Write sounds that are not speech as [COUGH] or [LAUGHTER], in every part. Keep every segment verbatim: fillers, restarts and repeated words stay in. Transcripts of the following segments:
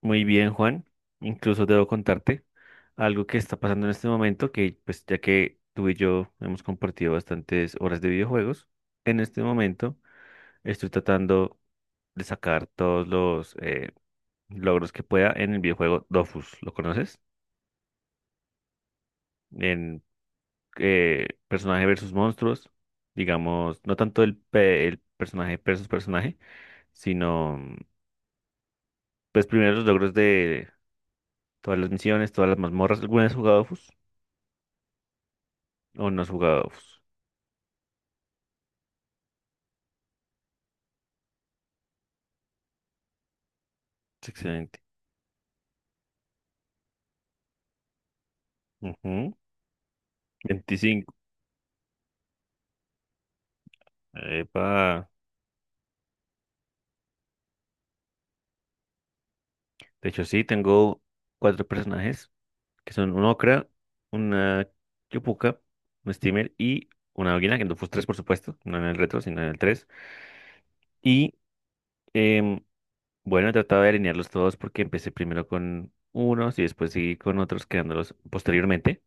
Muy bien, Juan. Incluso debo contarte algo que está pasando en este momento, que pues ya que tú y yo hemos compartido bastantes horas de videojuegos, en este momento estoy tratando de sacar todos los eh, logros que pueda en el videojuego Dofus. ¿Lo conoces? En eh, personaje versus monstruos, digamos, no tanto el, pe- el personaje versus personaje, sino pues primero los logros de todas las misiones, todas las mazmorras. ¿Alguna vez has jugado Dofus? O no has jugado. Uf, es excelente. Ujú. Veinticinco. Epa. De hecho, sí, tengo cuatro personajes, que son un Okra, una Yopuka, un Steamer y una Águila, que no fue tres, por supuesto, no en el retro, sino en el tres. Y em, bueno, he tratado de alinearlos todos porque empecé primero con unos y después seguí con otros, creándolos posteriormente.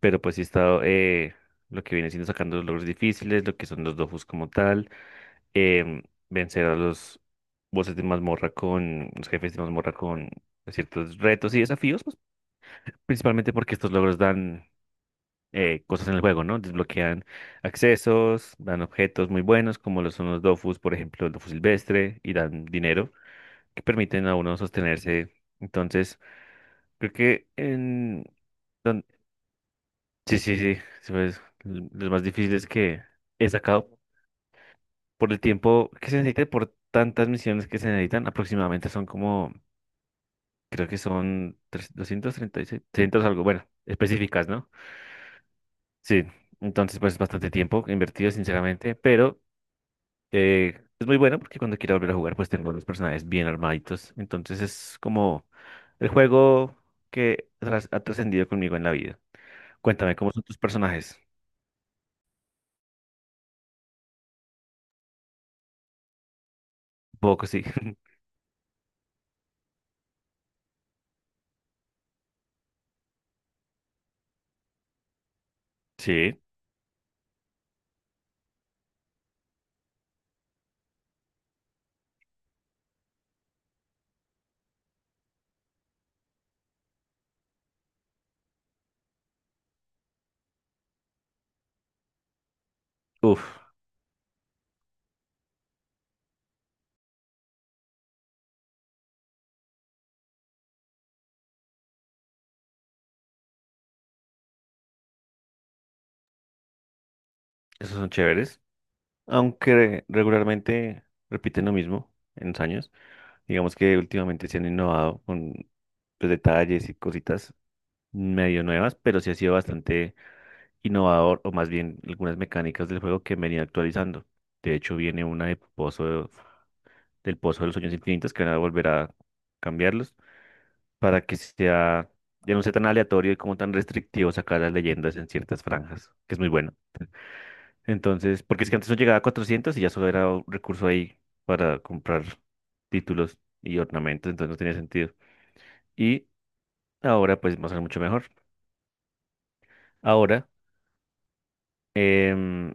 Pero pues sí he estado eh, lo que viene siendo sacando los logros difíciles, lo que son los dofus como tal, em, vencer a los bosses de mazmorra con, los jefes de mazmorra con ciertos retos y desafíos, pues, principalmente porque estos logros dan eh, cosas en el juego, ¿no? Desbloquean accesos, dan objetos muy buenos, como lo son los dofus, por ejemplo, el dofus silvestre, y dan dinero que permiten a uno sostenerse. Entonces, creo que en... don- Sí, sí, sí, sí, pues, lo más difíciles que he sacado por el tiempo que se necesita, y por tantas misiones que se necesitan, aproximadamente son como, creo que son tres- doscientos treinta y seis, trescientos algo, bueno, específicas, ¿no? Sí, entonces pues es bastante tiempo invertido, sinceramente, pero eh, es muy bueno porque cuando quiero volver a jugar pues tengo los personajes bien armaditos, entonces es como el juego que tras- ha trascendido conmigo en la vida. Cuéntame, ¿cómo son tus personajes? Poco, sí. [LAUGHS] Sí, uff, esos son chéveres. Aunque regularmente repiten lo mismo en los años, digamos que últimamente se han innovado con, pues, detalles y cositas medio nuevas, pero sí ha sido bastante innovador, o más bien algunas mecánicas del juego que venía actualizando. De hecho, viene una de Pozo, del Pozo de los Sueños Infinitos que van a volver a cambiarlos para que sea, ya no sea tan aleatorio y como tan restrictivo sacar las leyendas en ciertas franjas, que es muy bueno. Entonces, porque es que antes no llegaba a cuatrocientos y ya solo era un recurso ahí para comprar títulos y ornamentos, entonces no tenía sentido. Y ahora pues va a ser mucho mejor. Ahora, em,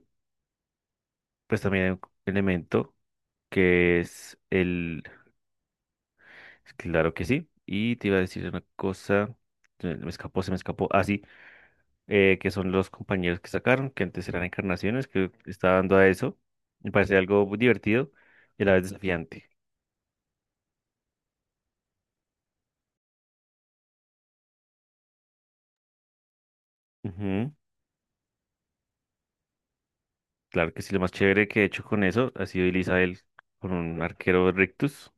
pues también hay un elemento que es el... Claro que sí. Y te iba a decir una cosa, se me escapó, se me escapó. Ah, sí, eh, que son los compañeros que sacaron, que antes eran encarnaciones, que está dando a eso. Me parece algo muy divertido y a la vez desafiante. Ujú. Claro que sí, lo más chévere que he hecho con eso ha sido Elizabeth con un arquero rictus.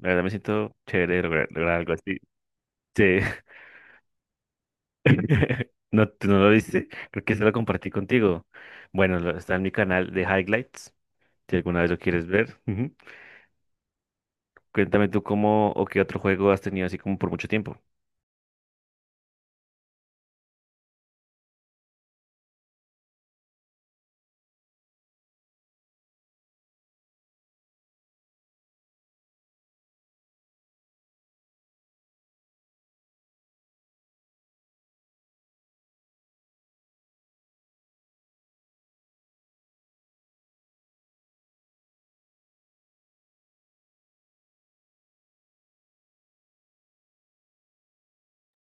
La verdad me siento chévere de lograr, lograr algo así. Sí. [LAUGHS] ¿No, tú no lo viste? Creo que se lo compartí contigo. Bueno, lo- está en mi canal de Highlights, si alguna vez lo quieres ver. Ujú. Cuéntame tú cómo o qué otro juego has tenido así como por mucho tiempo.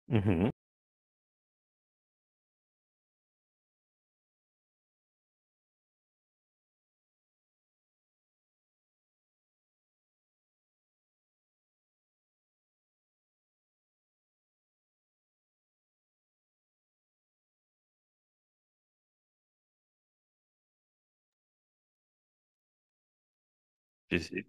Ujú. Sí, sí.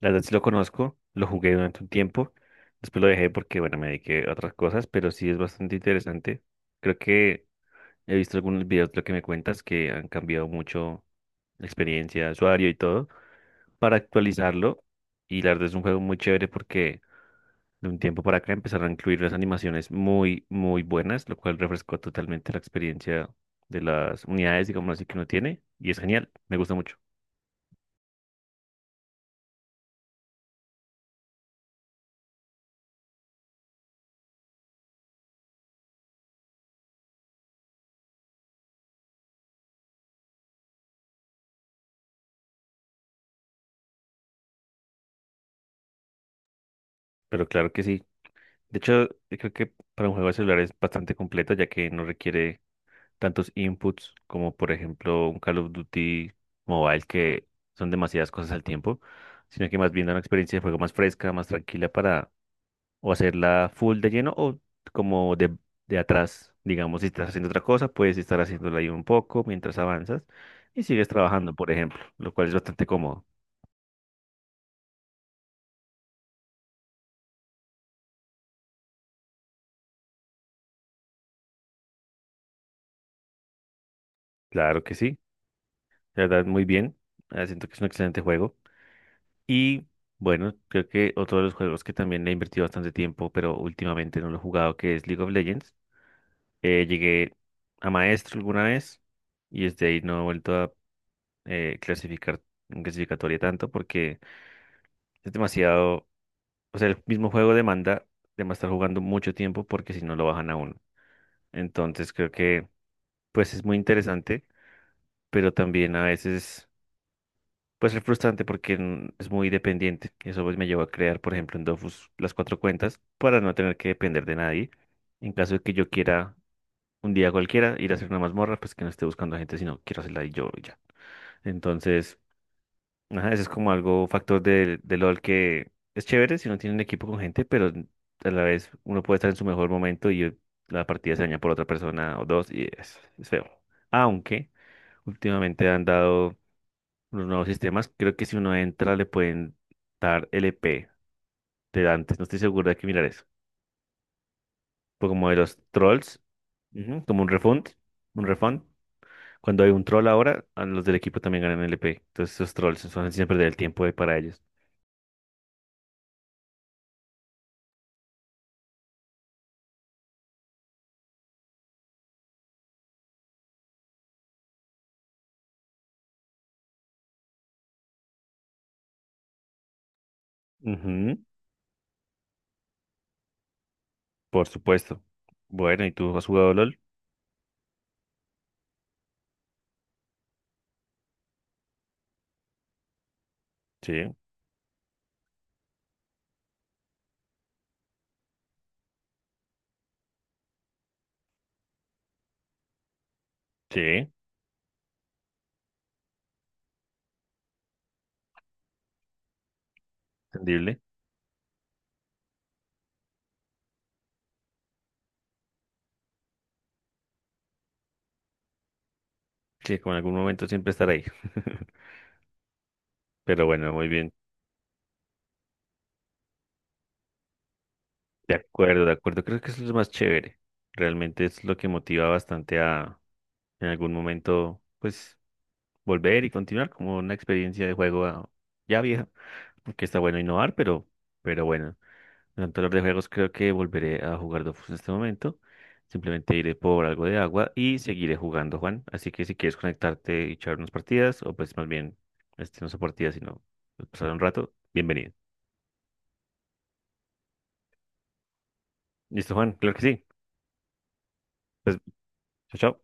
La verdad sí lo conozco, lo jugué durante un tiempo, después lo dejé porque, bueno, me dediqué a otras cosas, pero sí es bastante interesante. Creo que he visto algunos videos de lo que me cuentas que han cambiado mucho la experiencia de usuario y todo para actualizarlo. Y la verdad es un juego muy chévere porque de un tiempo para acá empezaron a incluir las animaciones muy, muy buenas, lo cual refrescó totalmente la experiencia de las unidades, digamos así, que uno tiene. Y es genial, me gusta mucho. Pero claro que sí. De hecho, yo creo que para un juego de celular es bastante completo ya que no requiere tantos inputs como por ejemplo un Call of Duty Mobile, que son demasiadas cosas al tiempo, sino que más bien da una experiencia de juego más fresca, más tranquila para o hacerla full de lleno o como de, de atrás, digamos, si estás haciendo otra cosa, puedes estar haciéndola ahí un poco mientras avanzas y sigues trabajando, por ejemplo, lo cual es bastante cómodo. Claro que sí, la verdad muy bien, eh, siento que es un excelente juego, y bueno, creo que otro de los juegos que también le he invertido bastante tiempo, pero últimamente no lo he jugado, que es League of Legends. Eh, llegué a maestro alguna vez y desde ahí no he vuelto a eh, clasificar en clasificatoria tanto porque es demasiado, o sea, el mismo juego demanda de más estar jugando mucho tiempo porque si no lo bajan a uno. Entonces creo que pues es muy interesante, pero también a veces puede ser frustrante porque n- es muy dependiente. Y eso pues me llevó a crear, por ejemplo, en Dofus las cuatro cuentas para no tener que depender de nadie. En caso de que yo quiera un día cualquiera ir a hacer una mazmorra, pues que no esté buscando a gente, sino quiero hacerla y yo y ya. Entonces, ajá, eso es como algo factor del de LOL, que es chévere si no tienen equipo con gente, pero a la vez uno puede estar en su mejor momento y la partida se daña por otra persona o dos y es, es feo. Aunque últimamente han dado unos nuevos sistemas, creo que si uno entra le pueden dar L P de antes, no estoy seguro de que mirar eso. Pero como de los trolls, ujú, como un refund, un refund. Cuando hay un troll ahora, a los del equipo también ganan L P. Entonces esos trolls son siempre del tiempo de- para ellos. Ujú, por supuesto. Bueno, ¿y tú has jugado LOL? Sí, sí, entendible. Sí, como en algún momento siempre estar ahí. [LAUGHS] Pero bueno, muy bien. De acuerdo, de acuerdo. Creo que eso es lo más chévere. Realmente es lo que motiva bastante a en algún momento, pues, volver y continuar como una experiencia de juego, ah, ya vieja. Porque está bueno innovar, pero, pero bueno. Durante los de juegos creo que volveré a jugar Dofus en este momento. Simplemente iré por algo de agua y seguiré jugando, Juan. Así que si quieres conectarte y echar unas partidas, o pues más bien, este no son partidas, sino pues, pasar un rato, bienvenido. ¿Listo, Juan? Claro que sí. Pues, chao, chao.